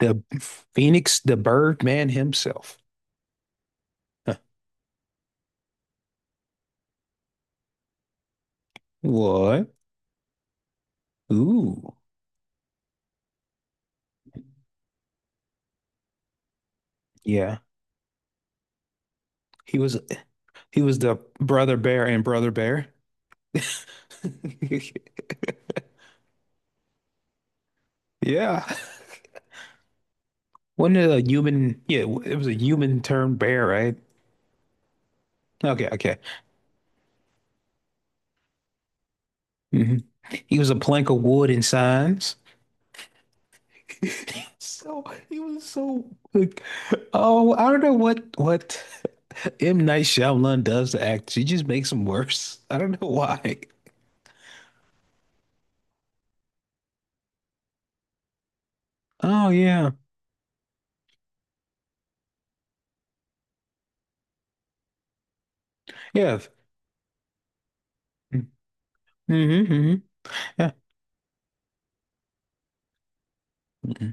The Phoenix, the Birdman himself. Huh. What? Ooh. Yeah. He was he was the brother bear and brother bear. Yeah. Wasn't it a human? Yeah, it was a human turned bear, right? Okay, okay. Hmm. He was a plank of wood in signs. So he was so like, oh, I don't know what M. Night Shyamalan does to act. She just makes him worse. I don't know why. Oh yeah, yeah. Hmm. Hmm. Yeah. Mhm.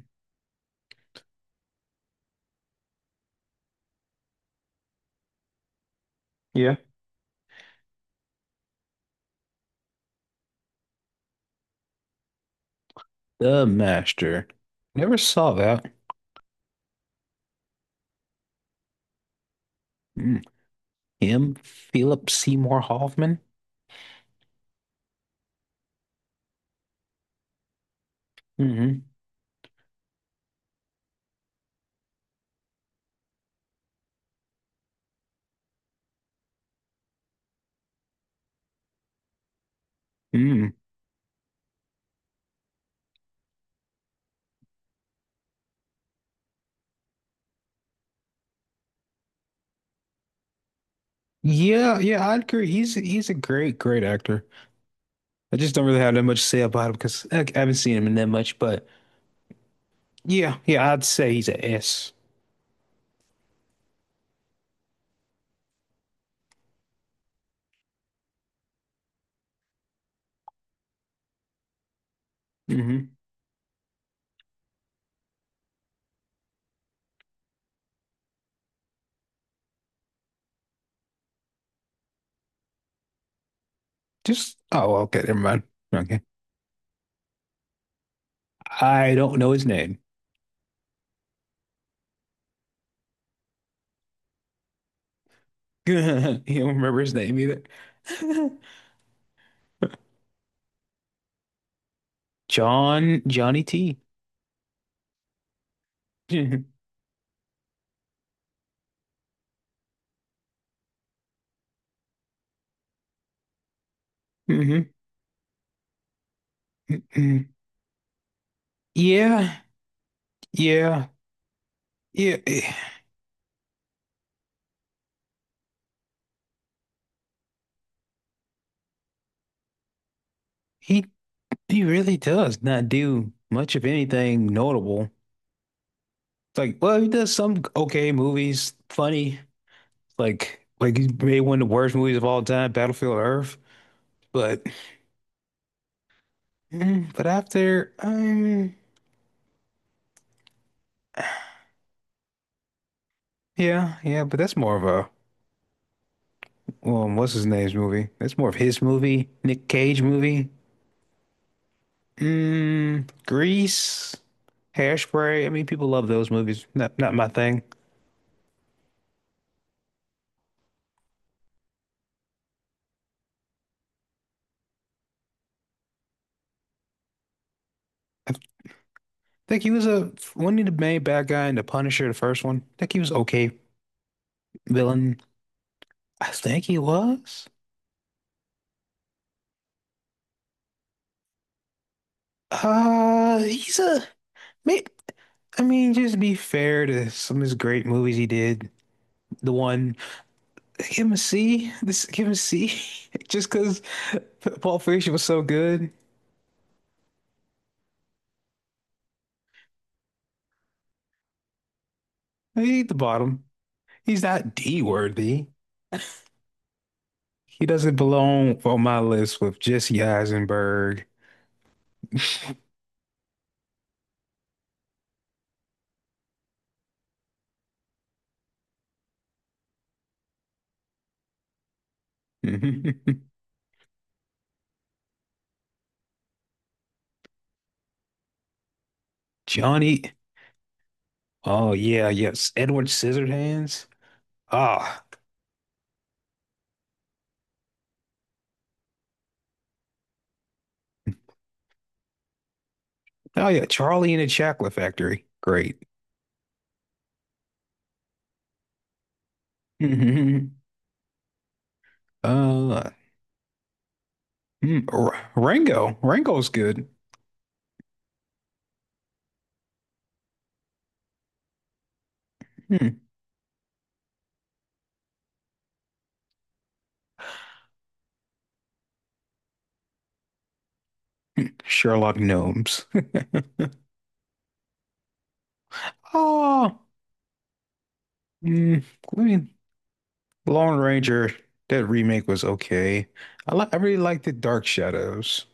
Yeah. The Master. Never saw that. Mm. Him, Philip Seymour Hoffman. Hmm. Mm. Yeah, yeah, I'd agree. He's a great, great actor. I just don't really have that much to say about him because I haven't seen him in that much. But yeah, yeah, I'd say he's a S. Mm-hmm. Just oh, well, okay, never mind. Okay, I don't know his name. You don't remember his name either. John Johnny T. Hmm. Yeah, yeah, yeah. He he really does not do much of anything notable. It's like, well, he does some okay movies, funny. Like, he made one of the worst movies of all time, Battlefield Earth. But, but after, yeah, yeah. But that's more of a, what's his name's movie? That's more of his movie, Nick Cage movie. Mm, Grease, Hairspray. I mean, people love those movies. Not my thing. Think he was a when he the main bad guy in The Punisher, the first one. Think he was okay villain. I think he was. Uh, he's a may- I mean, just to be fair to some of his great movies he did. The one, give him a C. This, give him a C. Just because Pulp Fiction was so good. He at the bottom. He's not D worthy. He doesn't belong on my list with Jesse Eisenberg, Johnny. Oh yeah, yes. Edward Scissorhands. Ah, oh yeah, Charlie and the Chocolate Factory. Great. hmm Uh, Rango. Rango's good. Hmm. Sherlock Gnomes. Oh, mm, I mean, Lone Ranger. That remake was okay. I really liked the Dark Shadows.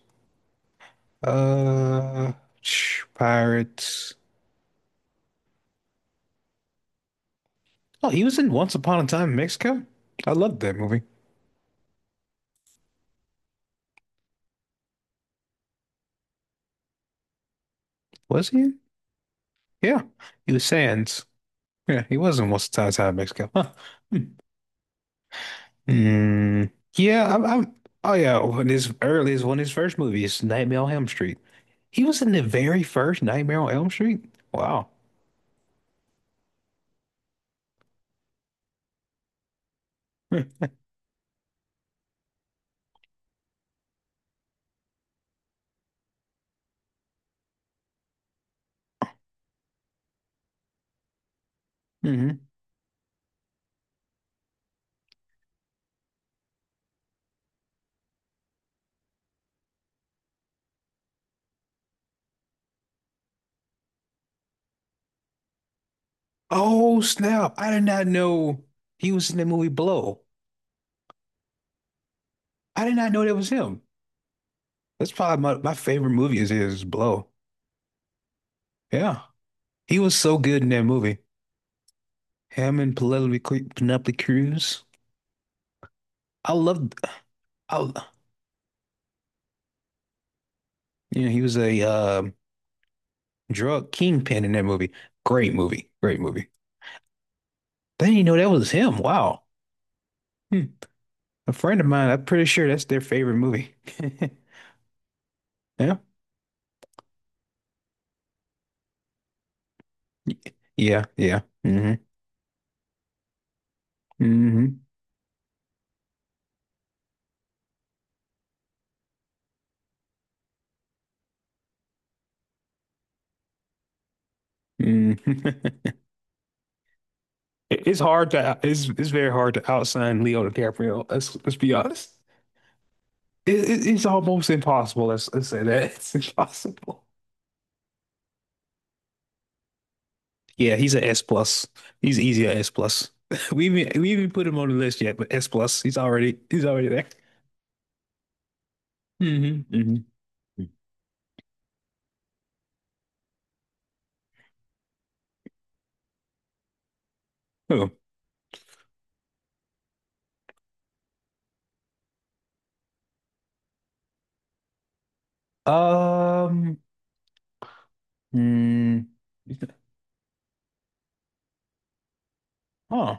Uh, Pirates. Oh, he was in Once Upon a Time in Mexico. I loved that movie. Was he? Yeah, he was Sands. Yeah, he was in Once Upon a Time in Mexico. Huh. Hmm. Mm, yeah, I'm. Oh yeah, when his earliest, one of his first movies, Nightmare on Elm Street. He was in the very first Nightmare on Elm Street. Wow. hmm Oh snap! I did not know he was in the movie Blow. I did not know that was him. That's probably my favorite movie is Blow. Yeah, he was so good in that movie. Him and Penelope Cruz. I loved. I, yeah, he was a drug kingpin in that movie. Great movie. Great movie. They didn't even know that was him. Wow. Hmm. A friend of mine, I'm pretty sure that's their favorite movie. Yeah. Yeah. Yeah. Mm-hmm. Mm-hmm. Mm-hmm. It's very hard to outsign Leo DiCaprio. Let's be honest. It's almost impossible. Let's say that. It's impossible. Yeah. He's an S plus. He's easy an S plus. We even put him on the list yet, but S plus. He's already there. hmm hmm Who? Um. Hmm, he's not- oh,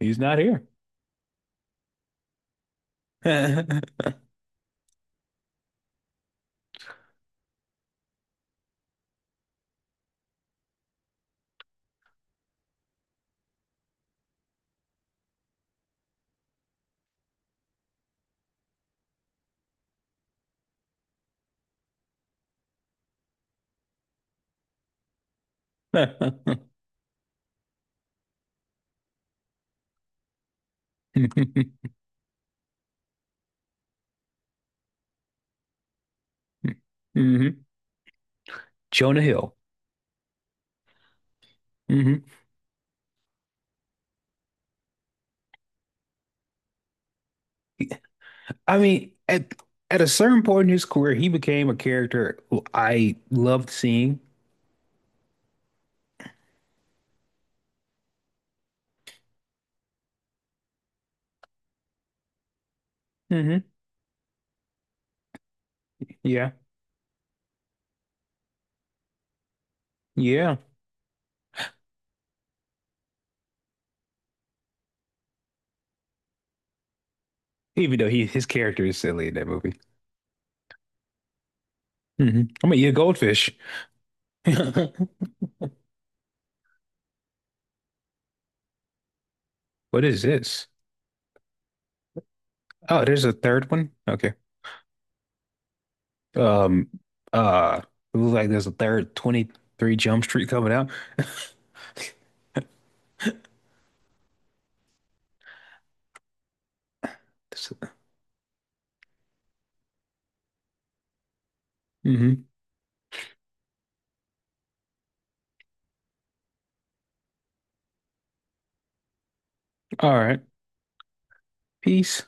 he's not here. hmm Jonah Hill. hmm I mean, at a certain point in his career, he became a character who I loved seeing. hmm Yeah, yeah. Even though he his character is silly in that movie. I mean, yeah, goldfish. What is this? Oh, there's a third one. Okay. Um, uh, it looks like there's a third 23 Jump Street coming out. Mm-hmm. All right. Peace.